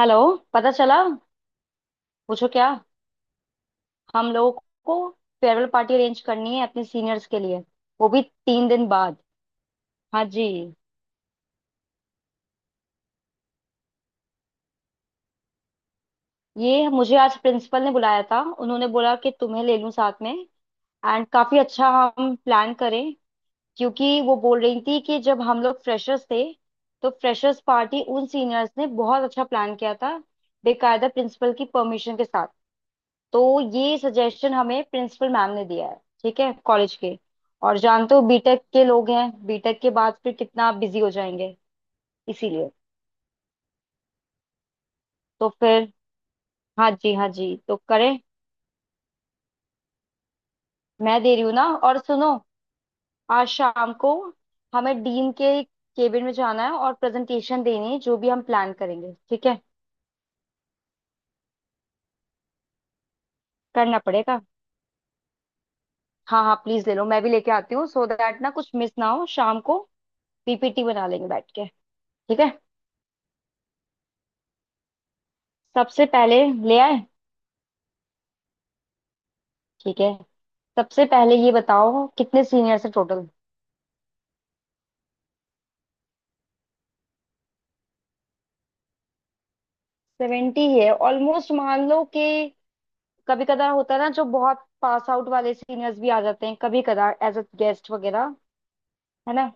Hello. पता चला? पूछो क्या। हम लोगों को फेयरवेल पार्टी अरेंज करनी है अपने सीनियर्स के लिए, वो भी 3 दिन बाद। हाँ जी। ये मुझे आज प्रिंसिपल ने बुलाया था, उन्होंने बोला कि तुम्हें ले लूं साथ में। एंड काफी अच्छा। हम प्लान करें, क्योंकि वो बोल रही थी कि जब हम लोग फ्रेशर्स थे तो फ्रेशर्स पार्टी उन सीनियर्स ने बहुत अच्छा प्लान किया था, बेकायदा प्रिंसिपल की परमिशन के साथ। तो ये सजेशन हमें प्रिंसिपल मैम ने दिया है, ठीक है, कॉलेज के। और जानते हो बीटेक के लोग हैं, बीटेक के बाद फिर कितना बिजी हो जाएंगे, इसीलिए। तो फिर हाँ जी हाँ जी, तो करें। मैं दे रही हूँ ना, और सुनो, आज शाम को हमें डीन के केबिन में जाना है और प्रेजेंटेशन देनी है जो भी हम प्लान करेंगे, ठीक है। करना पड़ेगा। हाँ हाँ, प्लीज ले लो, मैं भी लेके आती हूँ सो दैट ना कुछ मिस ना हो शाम को। पीपीटी बना लेंगे बैठ के, ठीक है। सबसे पहले ले आए? ठीक है, सबसे पहले ये बताओ कितने सीनियर्स है टोटल। 70 है ऑलमोस्ट, मान लो कि कभी कदार होता है ना जो बहुत पास आउट वाले सीनियर्स भी आ जाते हैं कभी कदार एज अ गेस्ट वगैरह, है ना।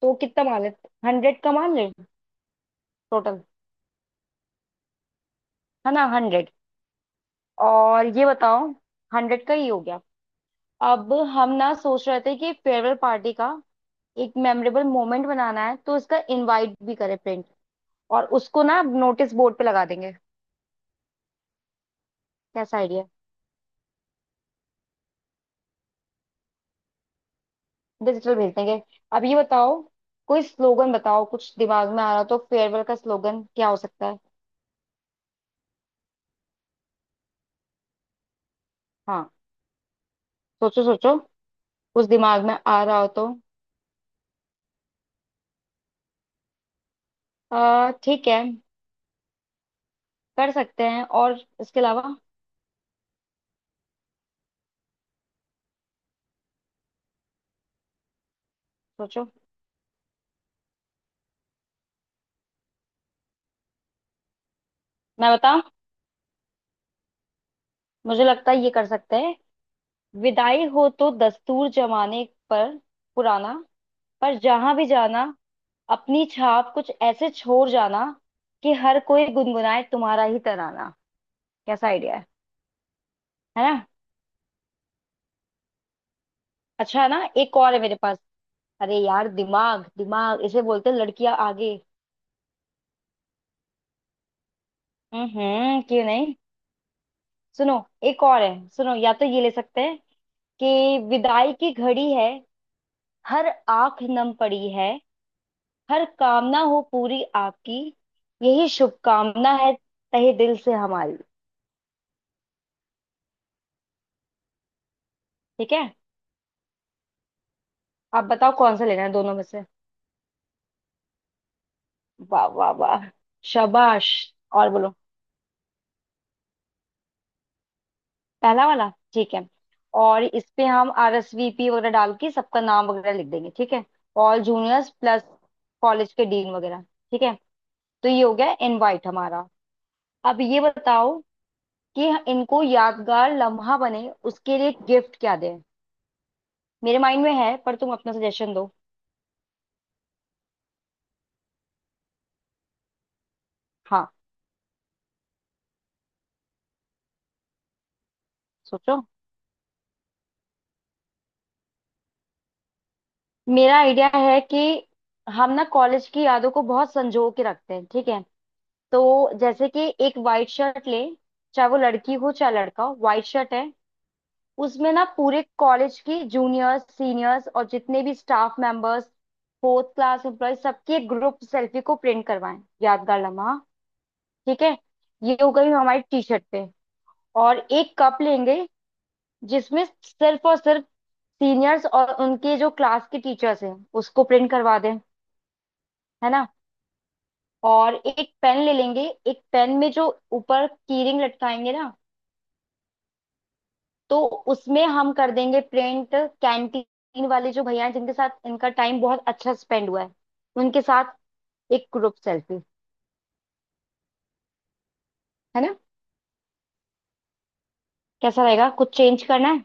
तो कितना मान ले, 100 का मान ले। टोटल है ना 100। और ये बताओ, 100 का ही हो गया। अब हम ना सोच रहे थे कि फेयरवेल पार्टी का एक मेमोरेबल मोमेंट बनाना है, तो इसका इनवाइट भी करें प्रिंट, और उसको ना नोटिस बोर्ड पे लगा देंगे। कैसा? डिजिटल भेज देंगे। अब ये बताओ, कोई स्लोगन बताओ, कुछ दिमाग में आ रहा हो तो। फेयरवेल का स्लोगन क्या हो सकता है? हाँ, सोचो सोचो, कुछ दिमाग में आ रहा हो तो। आ, ठीक है, कर सकते हैं। और इसके अलावा सोचो। मैं बताऊं, मुझे लगता है ये कर सकते हैं। विदाई हो तो दस्तूर जमाने पर पुराना, पर जहां भी जाना अपनी छाप कुछ ऐसे छोड़ जाना कि हर कोई गुनगुनाए तुम्हारा ही तराना। कैसा आइडिया है ना। अच्छा है ना, एक और है मेरे पास। अरे यार, दिमाग दिमाग इसे बोलते हैं, लड़कियां आगे। क्यों नहीं। सुनो, एक और है सुनो, या तो ये ले सकते हैं। कि विदाई की घड़ी है, हर आंख नम पड़ी है, हर कामना हो पूरी आपकी यही शुभकामना है तहे दिल से हमारी। ठीक है, आप बताओ कौन सा लेना है दोनों में से। वाह वाह वाह, शाबाश। और बोलो, पहला वाला ठीक है। और इस पे हम RSVP वगैरह डाल के सबका नाम वगैरह लिख देंगे, ठीक है। ऑल जूनियर्स प्लस कॉलेज के डीन वगैरह, ठीक है। तो ये हो गया इनवाइट हमारा। अब ये बताओ कि इनको यादगार लम्हा बने, उसके लिए गिफ्ट क्या दें। मेरे माइंड में है, पर तुम अपना सजेशन दो। हाँ सोचो। मेरा आइडिया है कि हम ना कॉलेज की यादों को बहुत संजो के रखते हैं, ठीक है। तो जैसे कि एक वाइट शर्ट ले, चाहे वो लड़की हो चाहे लड़का हो, वाइट शर्ट है। उसमें ना पूरे कॉलेज की जूनियर्स सीनियर्स और जितने भी staff members fourth class employ सबकी एक ग्रुप सेल्फी को प्रिंट करवाएं, यादगार लम्हा। ठीक है, ये हो गई हमारी टी शर्ट पे। और एक कप लेंगे, जिसमें सिर्फ और सिर्फ सीनियर्स और उनके जो क्लास के टीचर्स हैं, उसको प्रिंट करवा दें, है ना। और एक पेन ले लेंगे, एक पेन में जो ऊपर कीरिंग लटकाएंगे ना, तो उसमें हम कर देंगे प्रिंट कैंटीन वाले जो भैया हैं जिनके साथ इनका टाइम बहुत अच्छा स्पेंड हुआ है, उनके साथ एक ग्रुप सेल्फी, है ना। कैसा रहेगा, कुछ चेंज करना है?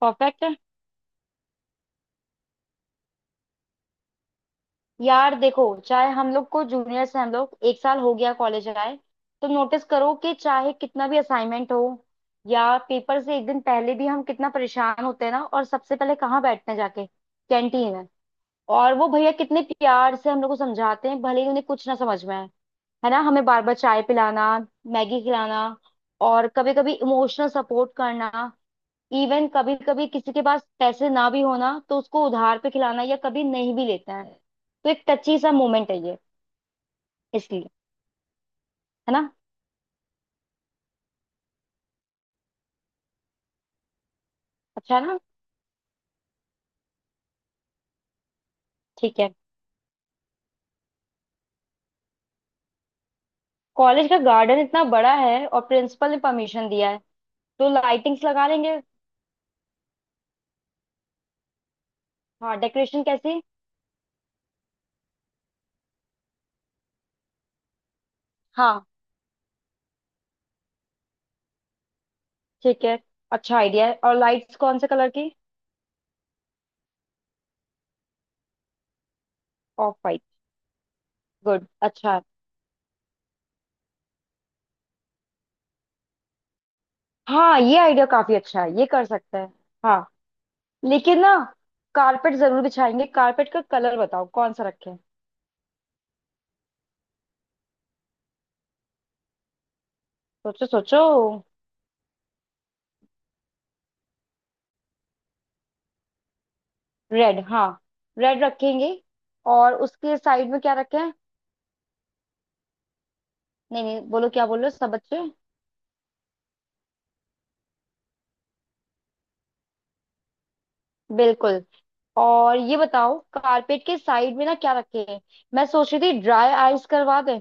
परफेक्ट है। यार देखो, चाहे हम लोग को जूनियर से हम लोग एक साल हो गया कॉलेज आए, तो नोटिस करो कि चाहे कितना भी असाइनमेंट हो या पेपर से एक दिन पहले भी, हम कितना परेशान होते हैं ना, और सबसे पहले कहाँ बैठते हैं जाके, कैंटीन में। और वो भैया कितने प्यार से हम लोग को समझाते हैं, भले ही उन्हें कुछ ना समझ में आए, है ना। हमें बार बार चाय पिलाना, मैगी खिलाना, और कभी कभी इमोशनल सपोर्ट करना, इवन कभी कभी किसी के पास पैसे ना भी होना तो उसको उधार पे खिलाना, या कभी नहीं भी लेता है। तो एक टची सा मोमेंट है ये, इसलिए, है ना। अच्छा है ना। ठीक है, कॉलेज का गार्डन इतना बड़ा है और प्रिंसिपल ने परमिशन दिया है, तो लाइटिंग्स लगा लेंगे। हाँ, डेकोरेशन कैसी? हाँ ठीक है, अच्छा आइडिया है। और लाइट्स कौन से कलर की? ऑफ वाइट, गुड, अच्छा है। हाँ ये आइडिया काफी अच्छा है, ये कर सकते हैं। हाँ लेकिन ना, कारपेट जरूर बिछाएंगे, कारपेट का कलर बताओ कौन सा रखें। सोचो सोचो। रेड, हाँ, रेड रखेंगे। और उसके साइड में क्या रखें? नहीं नहीं, बोलो, क्या बोल रहे हो सब बच्चे। बिल्कुल। और ये बताओ कारपेट के साइड में ना क्या रखें। मैं सोच रही थी ड्राई आइस करवा दें,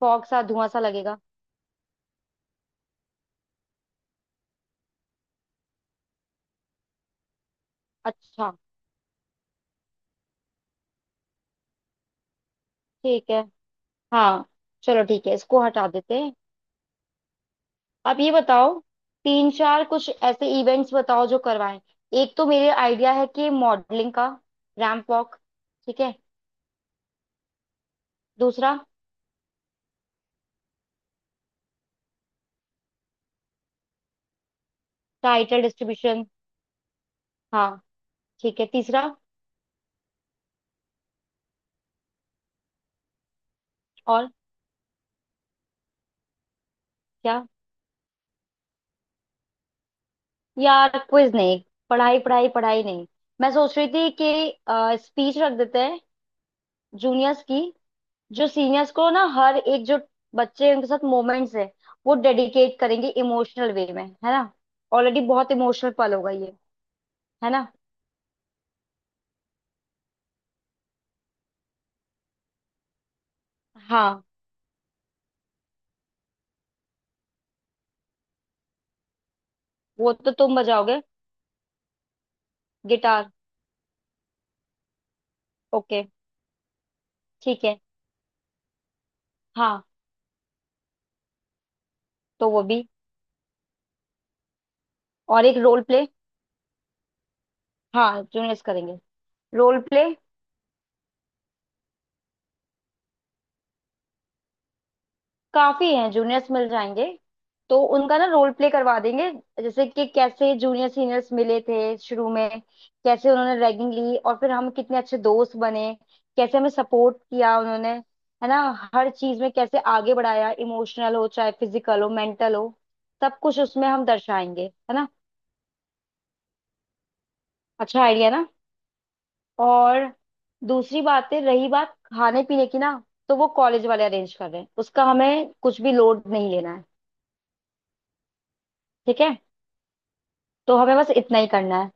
फॉग सा धुआं सा लगेगा। अच्छा ठीक है, हाँ, चलो ठीक है, इसको हटा देते हैं। आप ये बताओ, तीन चार कुछ ऐसे इवेंट्स बताओ जो करवाएं। एक तो मेरे आइडिया है कि मॉडलिंग का रैंप वॉक। ठीक है, दूसरा? टाइटल डिस्ट्रीब्यूशन, हाँ ठीक है। तीसरा? और क्या? यार क्विज नहीं, पढ़ाई पढ़ाई पढ़ाई नहीं। मैं सोच रही थी कि स्पीच रख देते हैं जूनियर्स की, जो सीनियर्स को ना हर एक जो बच्चे हैं, उनके साथ मोमेंट्स है वो डेडिकेट करेंगे इमोशनल वे में, है ना। ऑलरेडी बहुत इमोशनल पल होगा ये, है ना। हाँ। वो तो तुम बजाओगे, गिटार। ओके, ठीक है। हाँ तो वो भी। और एक रोल प्ले। हाँ जूनियर्स करेंगे रोल प्ले। काफी हैं जूनियर्स, मिल जाएंगे, तो उनका ना रोल प्ले करवा देंगे। जैसे कि कैसे जूनियर सीनियर्स मिले थे शुरू में, कैसे उन्होंने रैगिंग ली और फिर हम कितने अच्छे दोस्त बने, कैसे हमें सपोर्ट किया उन्होंने, है ना। हर चीज में कैसे आगे बढ़ाया, इमोशनल हो चाहे फिजिकल हो मेंटल हो, सब कुछ उसमें हम दर्शाएंगे, है ना। अच्छा आइडिया ना। और दूसरी बात है, रही बात खाने पीने की ना, तो वो कॉलेज वाले अरेंज कर रहे हैं, उसका हमें कुछ भी लोड नहीं लेना है। ठीक है, तो हमें बस इतना ही करना है।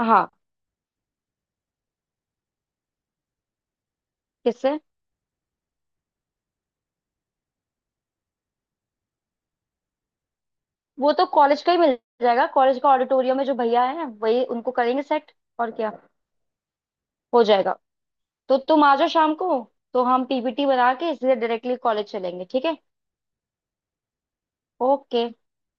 हाँ। किससे? वो तो कॉलेज का ही मिल जाएगा, कॉलेज का ऑडिटोरियम में जो भैया है वही उनको करेंगे सेट। और क्या, हो जाएगा। तो तुम आ जाओ शाम को, तो हम पीपीटी बना के इसलिए डायरेक्टली कॉलेज चलेंगे, ठीक है। ओके।